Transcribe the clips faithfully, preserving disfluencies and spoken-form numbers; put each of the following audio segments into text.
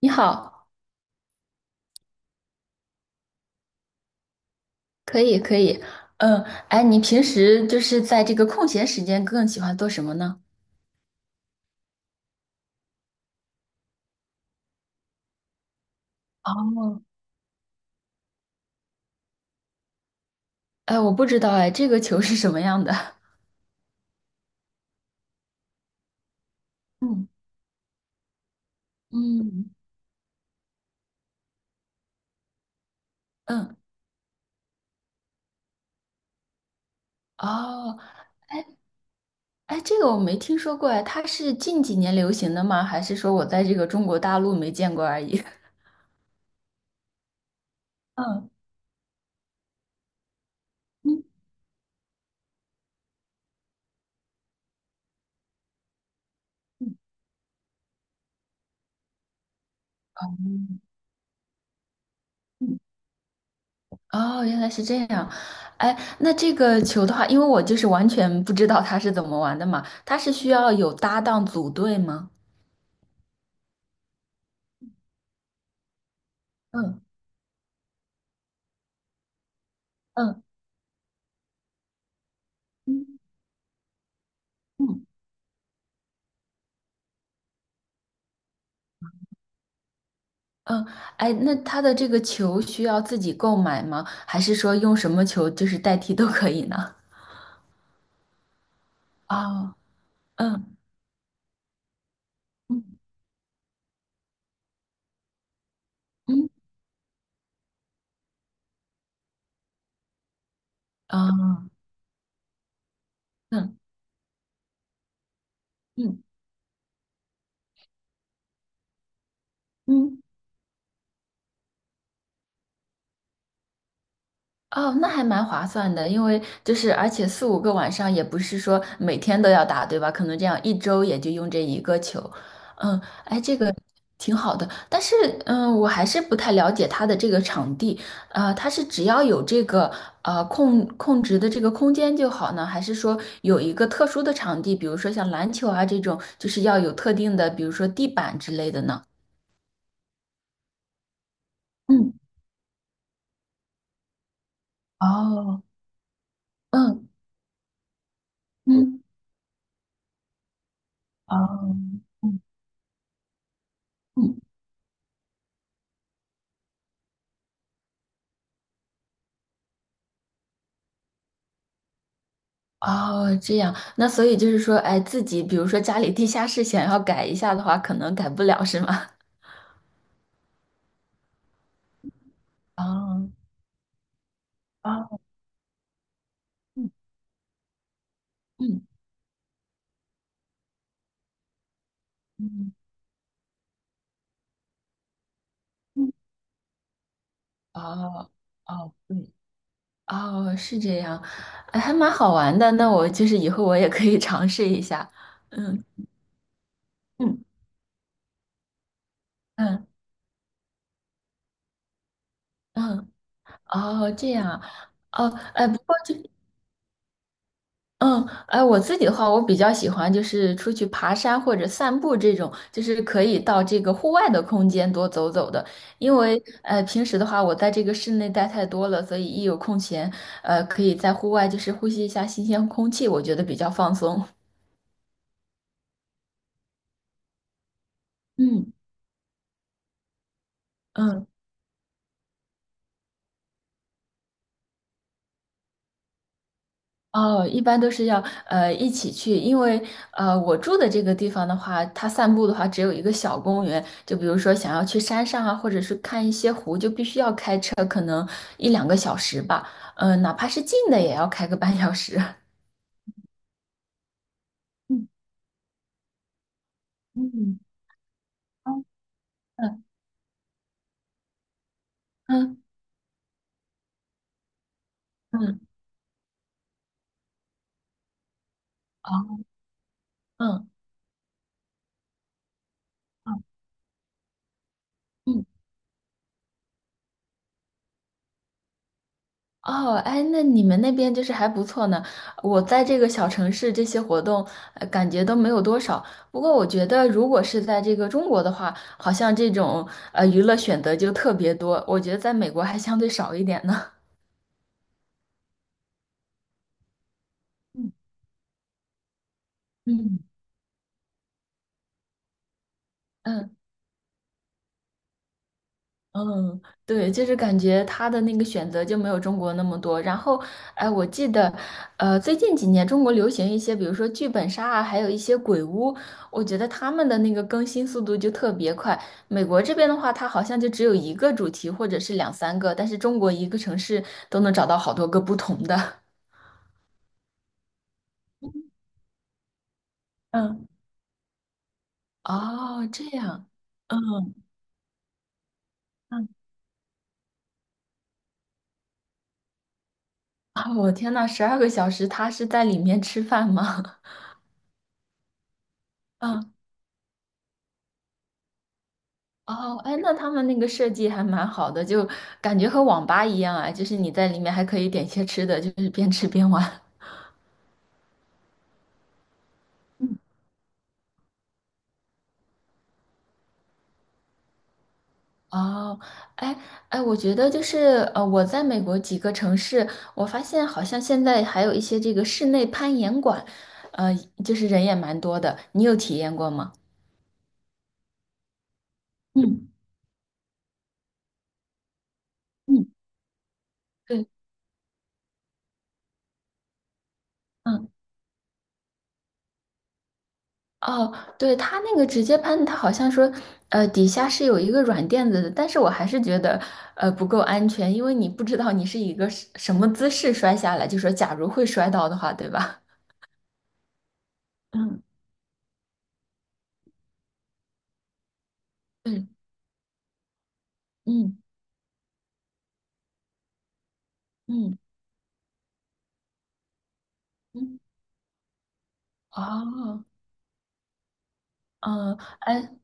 你好，可以可以，嗯，哎，你平时就是在这个空闲时间更喜欢做什么呢？哦，哎，我不知道，哎，这个球是什么样的？嗯嗯，哦，哎，这个我没听说过，哎，它是近几年流行的吗？还是说我在这个中国大陆没见过而已？嗯嗯嗯嗯，哦，原来是这样。哎，那这个球的话，因为我就是完全不知道它是怎么玩的嘛，它是需要有搭档组队吗？嗯嗯嗯嗯。嗯，哎，那他的这个球需要自己购买吗？还是说用什么球就是代替都可以呢？啊，嗯嗯嗯，啊，嗯嗯嗯。哦，那还蛮划算的，因为就是而且四五个晚上也不是说每天都要打，对吧？可能这样一周也就用这一个球，嗯，哎，这个挺好的。但是，嗯，我还是不太了解它的这个场地，呃，它是只要有这个呃控控制的这个空间就好呢，还是说有一个特殊的场地，比如说像篮球啊这种，就是要有特定的，比如说地板之类的呢？嗯，哦，嗯嗯，哦，嗯嗯。哦，这样，那所以就是说，哎，自己比如说家里地下室想要改一下的话，可能改不了，是吗？哦，哦，嗯嗯嗯嗯，哦哦，对，哦，是这样，哎还蛮好玩的。那我就是以后我也可以尝试一下。嗯嗯嗯嗯，哦，这样，哦，哎，不过就嗯，哎，我自己的话，我比较喜欢就是出去爬山或者散步这种，就是可以到这个户外的空间多走走的。因为呃，平时的话，我在这个室内待太多了，所以一有空闲，呃，可以在户外就是呼吸一下新鲜空气，我觉得比较放松。嗯嗯。哦，一般都是要呃一起去，因为呃我住的这个地方的话，它散步的话只有一个小公园，就比如说想要去山上啊，或者是看一些湖，就必须要开车，可能一两个小时吧，嗯、呃，哪怕是近的也要开个半小时。嗯嗯嗯嗯嗯嗯。哦嗯嗯哦，哎，那你们那边就是还不错呢。我在这个小城市，这些活动，呃感觉都没有多少。不过我觉得，如果是在这个中国的话，好像这种呃娱乐选择就特别多。我觉得在美国还相对少一点呢。嗯嗯，嗯。嗯，对，就是感觉他的那个选择就没有中国那么多。然后，哎，我记得，呃，最近几年中国流行一些，比如说剧本杀啊，还有一些鬼屋，我觉得他们的那个更新速度就特别快。美国这边的话，它好像就只有一个主题或者是两三个，但是中国一个城市都能找到好多个不同的 嗯，哦，这样，嗯嗯，啊，我天呐，十二个小时，他是在里面吃饭吗？嗯。哦，哎，那他们那个设计还蛮好的，就感觉和网吧一样啊，就是你在里面还可以点些吃的，就是边吃边玩。哦，哎哎，我觉得就是呃，我在美国几个城市，我发现好像现在还有一些这个室内攀岩馆，呃，就是人也蛮多的，你有体验过吗？嗯嗯，对，嗯。哦，对，它那个直接喷，它好像说，呃，底下是有一个软垫子的，但是我还是觉得，呃，不够安全，因为你不知道你是以一个什什么姿势摔下来，就说假如会摔到的话，对吧？嗯，对，嗯嗯嗯，哦，嗯，哎，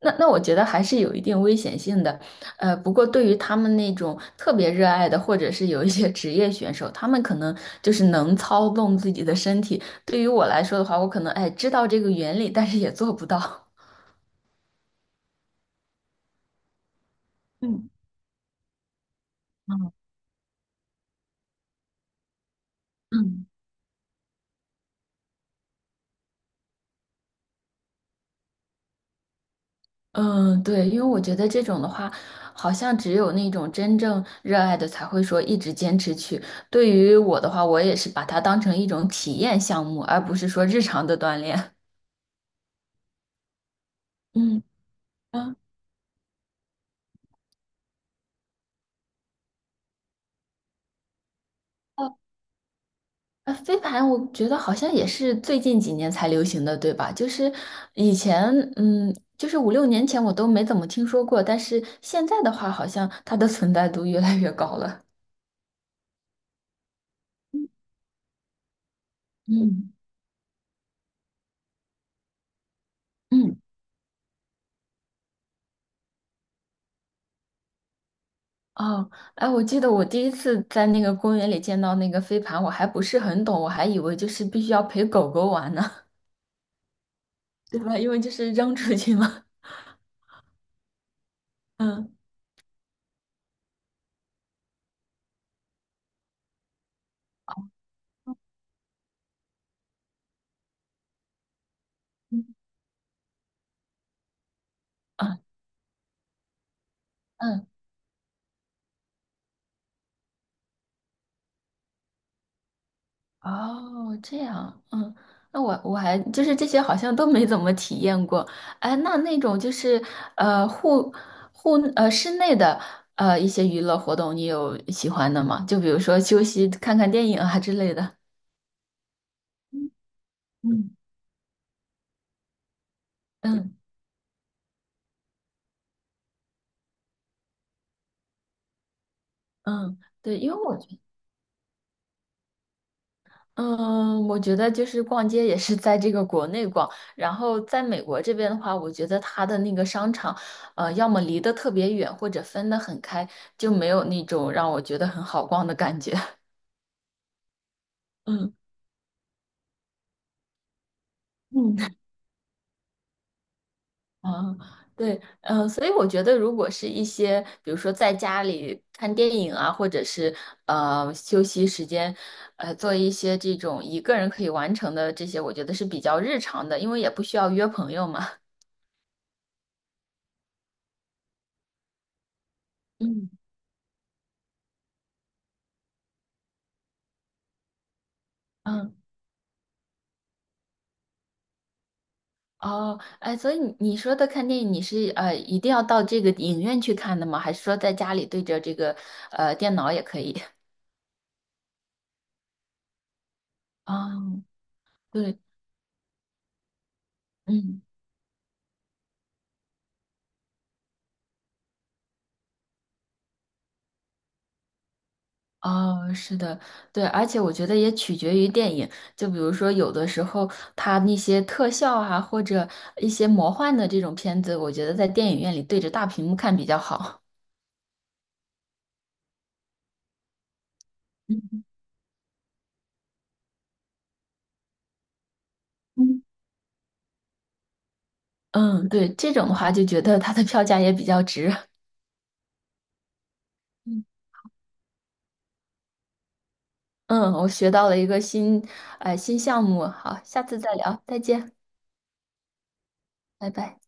那那我觉得还是有一定危险性的，呃，不过对于他们那种特别热爱的，或者是有一些职业选手，他们可能就是能操纵自己的身体。对于我来说的话，我可能哎知道这个原理，但是也做不到。嗯嗯嗯，嗯对，因为我觉得这种的话，好像只有那种真正热爱的才会说一直坚持去。对于我的话，我也是把它当成一种体验项目，而不是说日常的锻炼。嗯。嗯呃，飞盘我觉得好像也是最近几年才流行的，对吧？就是以前，嗯，就是五六年前我都没怎么听说过，但是现在的话，好像它的存在度越来越高了。嗯嗯哦，哎，我记得我第一次在那个公园里见到那个飞盘，我还不是很懂，我还以为就是必须要陪狗狗玩呢，对吧？因为就是扔出去嘛。嗯嗯，啊嗯。哦，这样，嗯，那我我还就是这些好像都没怎么体验过。哎，那那种就是呃户户呃室内的呃一些娱乐活动，你有喜欢的吗？就比如说休息、看看电影啊之类的。嗯嗯嗯，对，因为我觉嗯，我觉得就是逛街也是在这个国内逛，然后在美国这边的话，我觉得它的那个商场，呃，要么离得特别远，或者分得很开，就没有那种让我觉得很好逛的感觉。嗯嗯。啊，对，嗯，所以我觉得，如果是一些，比如说在家里看电影啊，或者是呃休息时间，呃，做一些这种一个人可以完成的这些，我觉得是比较日常的，因为也不需要约朋友嘛。嗯嗯。哦，哎，所以你你说的看电影，你是呃一定要到这个影院去看的吗？还是说在家里对着这个呃电脑也可以？哦，对，嗯，哦，是的，对，而且我觉得也取决于电影，就比如说有的时候它那些特效啊，或者一些魔幻的这种片子，我觉得在电影院里对着大屏幕看比较好。嗯，嗯，对，这种的话就觉得它的票价也比较值。嗯，我学到了一个新，呃，新项目。好，下次再聊，再见，拜拜。